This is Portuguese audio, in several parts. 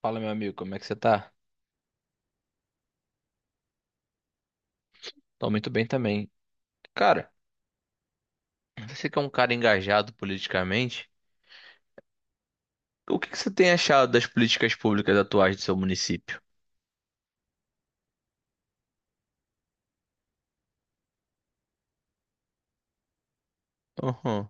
Fala, meu amigo, como é que você tá? Tô muito bem também. Cara, você que é um cara engajado politicamente, o que que você tem achado das políticas públicas atuais do seu município? Aham,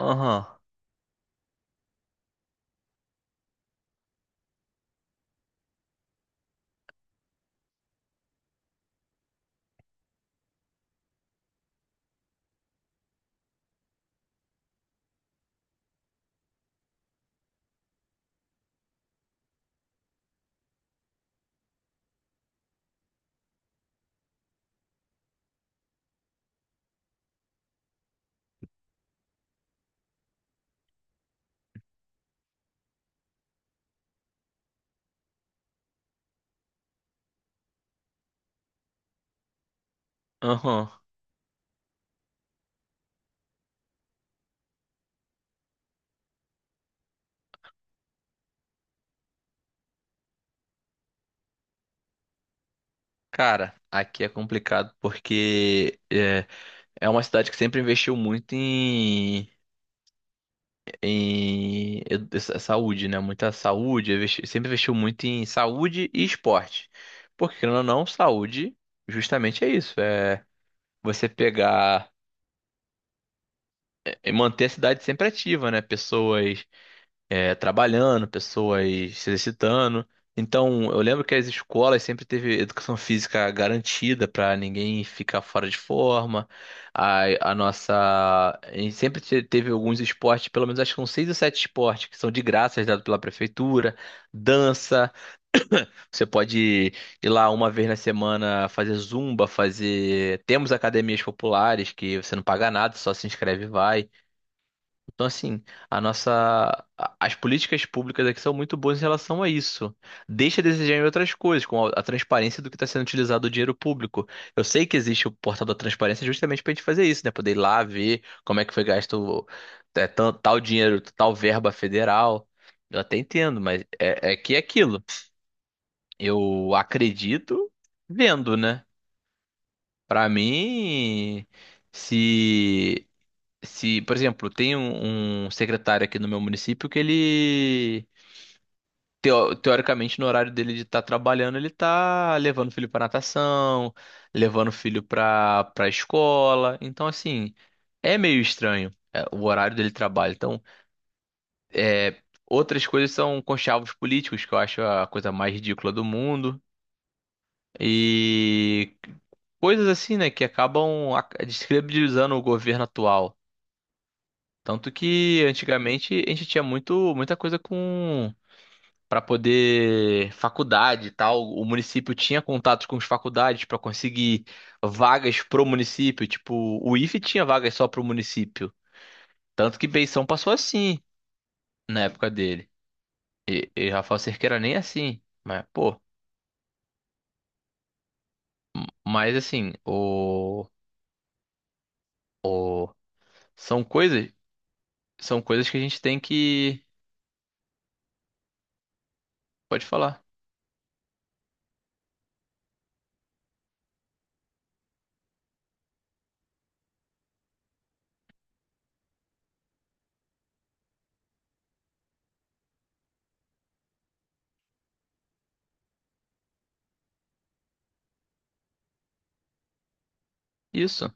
aham, aham. Cara, aqui é complicado porque é uma cidade que sempre investiu muito em saúde, né? Muita saúde, sempre investiu muito em saúde e esporte. Porque, querendo ou não, saúde justamente é isso, é você pegar e manter a cidade sempre ativa, né? Pessoas trabalhando, pessoas se exercitando. Então, eu lembro que as escolas sempre teve educação física garantida para ninguém ficar fora de forma. A nossa. A gente sempre teve alguns esportes, pelo menos acho que são seis ou sete esportes que são de graça, dados pela prefeitura. Dança, você pode ir lá uma vez na semana fazer zumba, fazer. Temos academias populares que você não paga nada, só se inscreve e vai. Então, assim, a nossa, as políticas públicas aqui são muito boas em relação a isso. Deixa a desejar em outras coisas, como a transparência do que está sendo utilizado o dinheiro público. Eu sei que existe o portal da transparência justamente para a gente fazer isso, né? Poder ir lá ver como é que foi gasto tal dinheiro, tal verba federal. Eu até entendo, mas é que é aquilo. Eu acredito vendo, né? Para mim, se se, por exemplo, tem um secretário aqui no meu município que ele, teoricamente, no horário dele de estar trabalhando, ele tá levando o filho para natação, levando o filho para escola. Então, assim, é meio estranho o horário dele de trabalho. Então, é, outras coisas são conchavos políticos, que eu acho a coisa mais ridícula do mundo. E coisas assim, né, que acabam descredibilizando o governo atual. Tanto que antigamente a gente tinha muito, muita coisa com para poder faculdade e tal. O município tinha contatos com as faculdades para conseguir vagas pro município. Tipo, o IFE tinha vagas só pro município. Tanto que Beição passou assim na época dele. E Rafael Cerqueira nem assim. Mas, pô, mas assim, o, são coisas, são coisas que a gente tem que. Pode falar. Isso.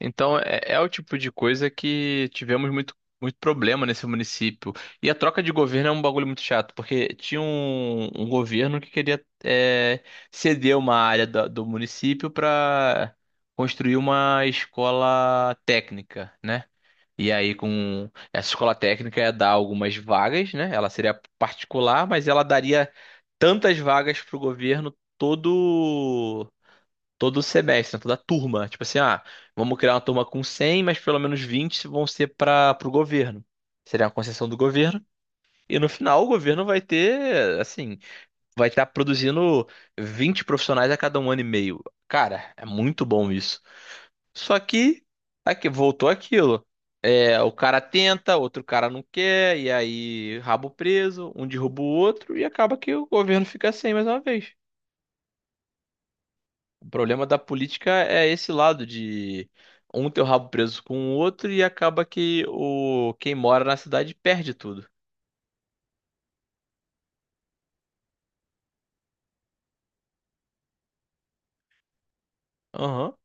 Então, é, é o tipo de coisa que tivemos muito, muito problema nesse município. E a troca de governo é um bagulho muito chato, porque tinha um governo que queria ceder uma área do município para construir uma escola técnica, né? E aí, com essa escola técnica ia dar algumas vagas, né? Ela seria particular, mas ela daria tantas vagas para o governo todo semestre, né, toda turma. Tipo assim, ah, vamos criar uma turma com 100, mas pelo menos 20 vão ser para o governo. Seria uma concessão do governo. E no final o governo vai ter, assim, vai estar produzindo 20 profissionais a cada 1 ano e meio. Cara, é muito bom isso. Só que aqui voltou aquilo. É, o cara tenta, outro cara não quer, e aí rabo preso, um derruba o outro e acaba que o governo fica sem mais uma vez. O problema da política é esse lado de um ter o rabo preso com o outro e acaba que o quem mora na cidade perde tudo. Aham.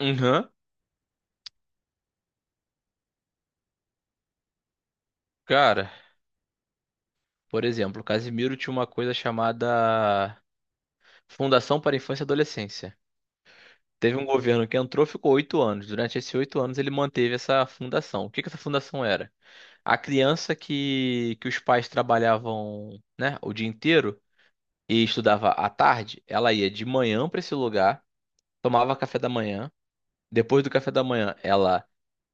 Aham. Cara, por exemplo, o Casimiro tinha uma coisa chamada Fundação para a Infância e Adolescência. Teve um governo que entrou, ficou 8 anos. Durante esses 8 anos, ele manteve essa fundação. O que que essa fundação era? A criança que os pais trabalhavam, né, o dia inteiro e estudava à tarde, ela ia de manhã para esse lugar. Tomava café da manhã. Depois do café da manhã, ela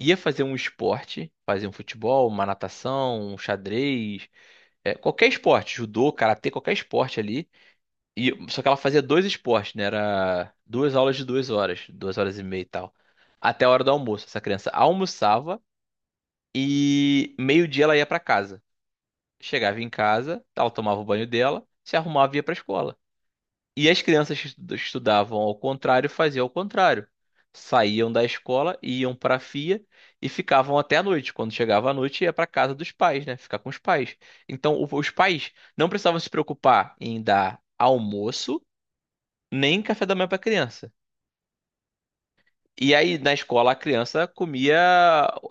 ia fazer um esporte, fazia um futebol, uma natação, um xadrez, é, qualquer esporte, judô, karatê, qualquer esporte ali. E só que ela fazia dois esportes, né? Era duas aulas de 2 horas, 2 horas e meia e tal, até a hora do almoço. Essa criança almoçava e meio-dia ela ia pra casa. Chegava em casa, ela tomava o banho dela, se arrumava e ia pra escola. E as crianças que estudavam ao contrário faziam ao contrário. Saíam da escola, iam para a FIA e ficavam até a noite. Quando chegava a noite, ia para casa dos pais, né? Ficar com os pais. Então, os pais não precisavam se preocupar em dar almoço nem café da manhã para a criança. E aí, na escola, a criança comia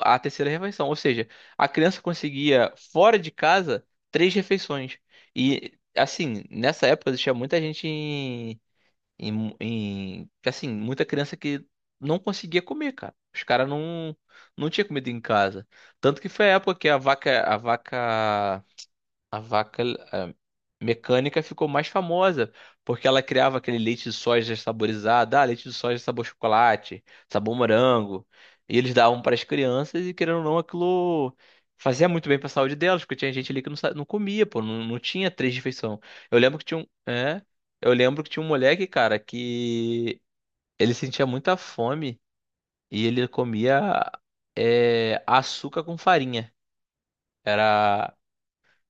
a terceira refeição. Ou seja, a criança conseguia, fora de casa, três refeições. E, assim, nessa época existia muita gente em, que, assim, muita criança que não conseguia comer, cara. Os caras não, tinha comida em casa. Tanto que foi a época que a vaca mecânica ficou mais famosa, porque ela criava aquele leite de soja saborizado, ah, leite de soja sabor chocolate, sabor morango, e eles davam para as crianças e querendo ou não, aquilo fazia muito bem para a saúde delas, porque tinha gente ali que não comia, pô, não tinha três refeições. Eu lembro que tinha é, um moleque, cara, que ele sentia muita fome e ele comia açúcar com farinha. Era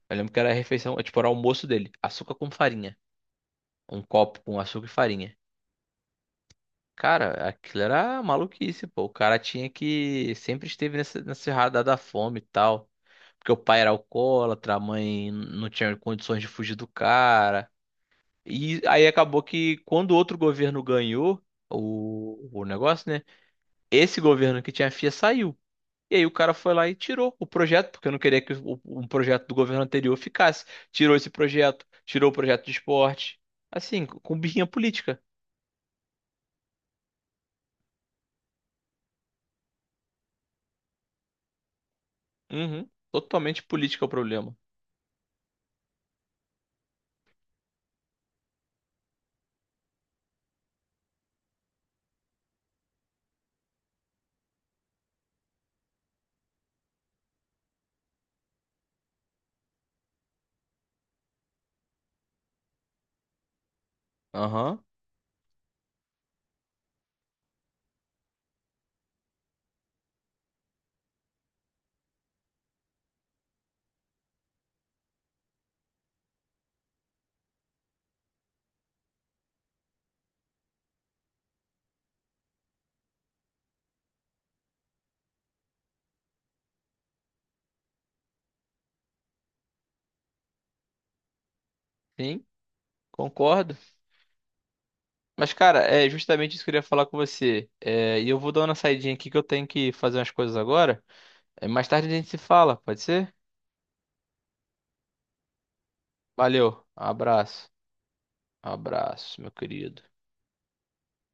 Eu lembro que era a refeição, tipo, era o almoço dele. Açúcar com farinha. Um copo com açúcar e farinha. Cara, aquilo era maluquice, pô. O cara tinha que. Sempre esteve nessa radar da fome e tal. Porque o pai era alcoólatra, a mãe não tinha condições de fugir do cara. E aí acabou que quando outro governo ganhou o negócio, né? Esse governo que tinha a FIA saiu. E aí o cara foi lá e tirou o projeto, porque eu não queria que um projeto do governo anterior ficasse. Tirou esse projeto, tirou o projeto de esporte. Assim, com birrinha política. Uhum. Totalmente política o problema. Aham. Sim, concordo. Mas, cara, é justamente isso que eu queria falar com você. É, e eu vou dar uma saidinha aqui que eu tenho que fazer umas coisas agora. É, mais tarde a gente se fala, pode ser? Valeu, abraço. Abraço, meu querido.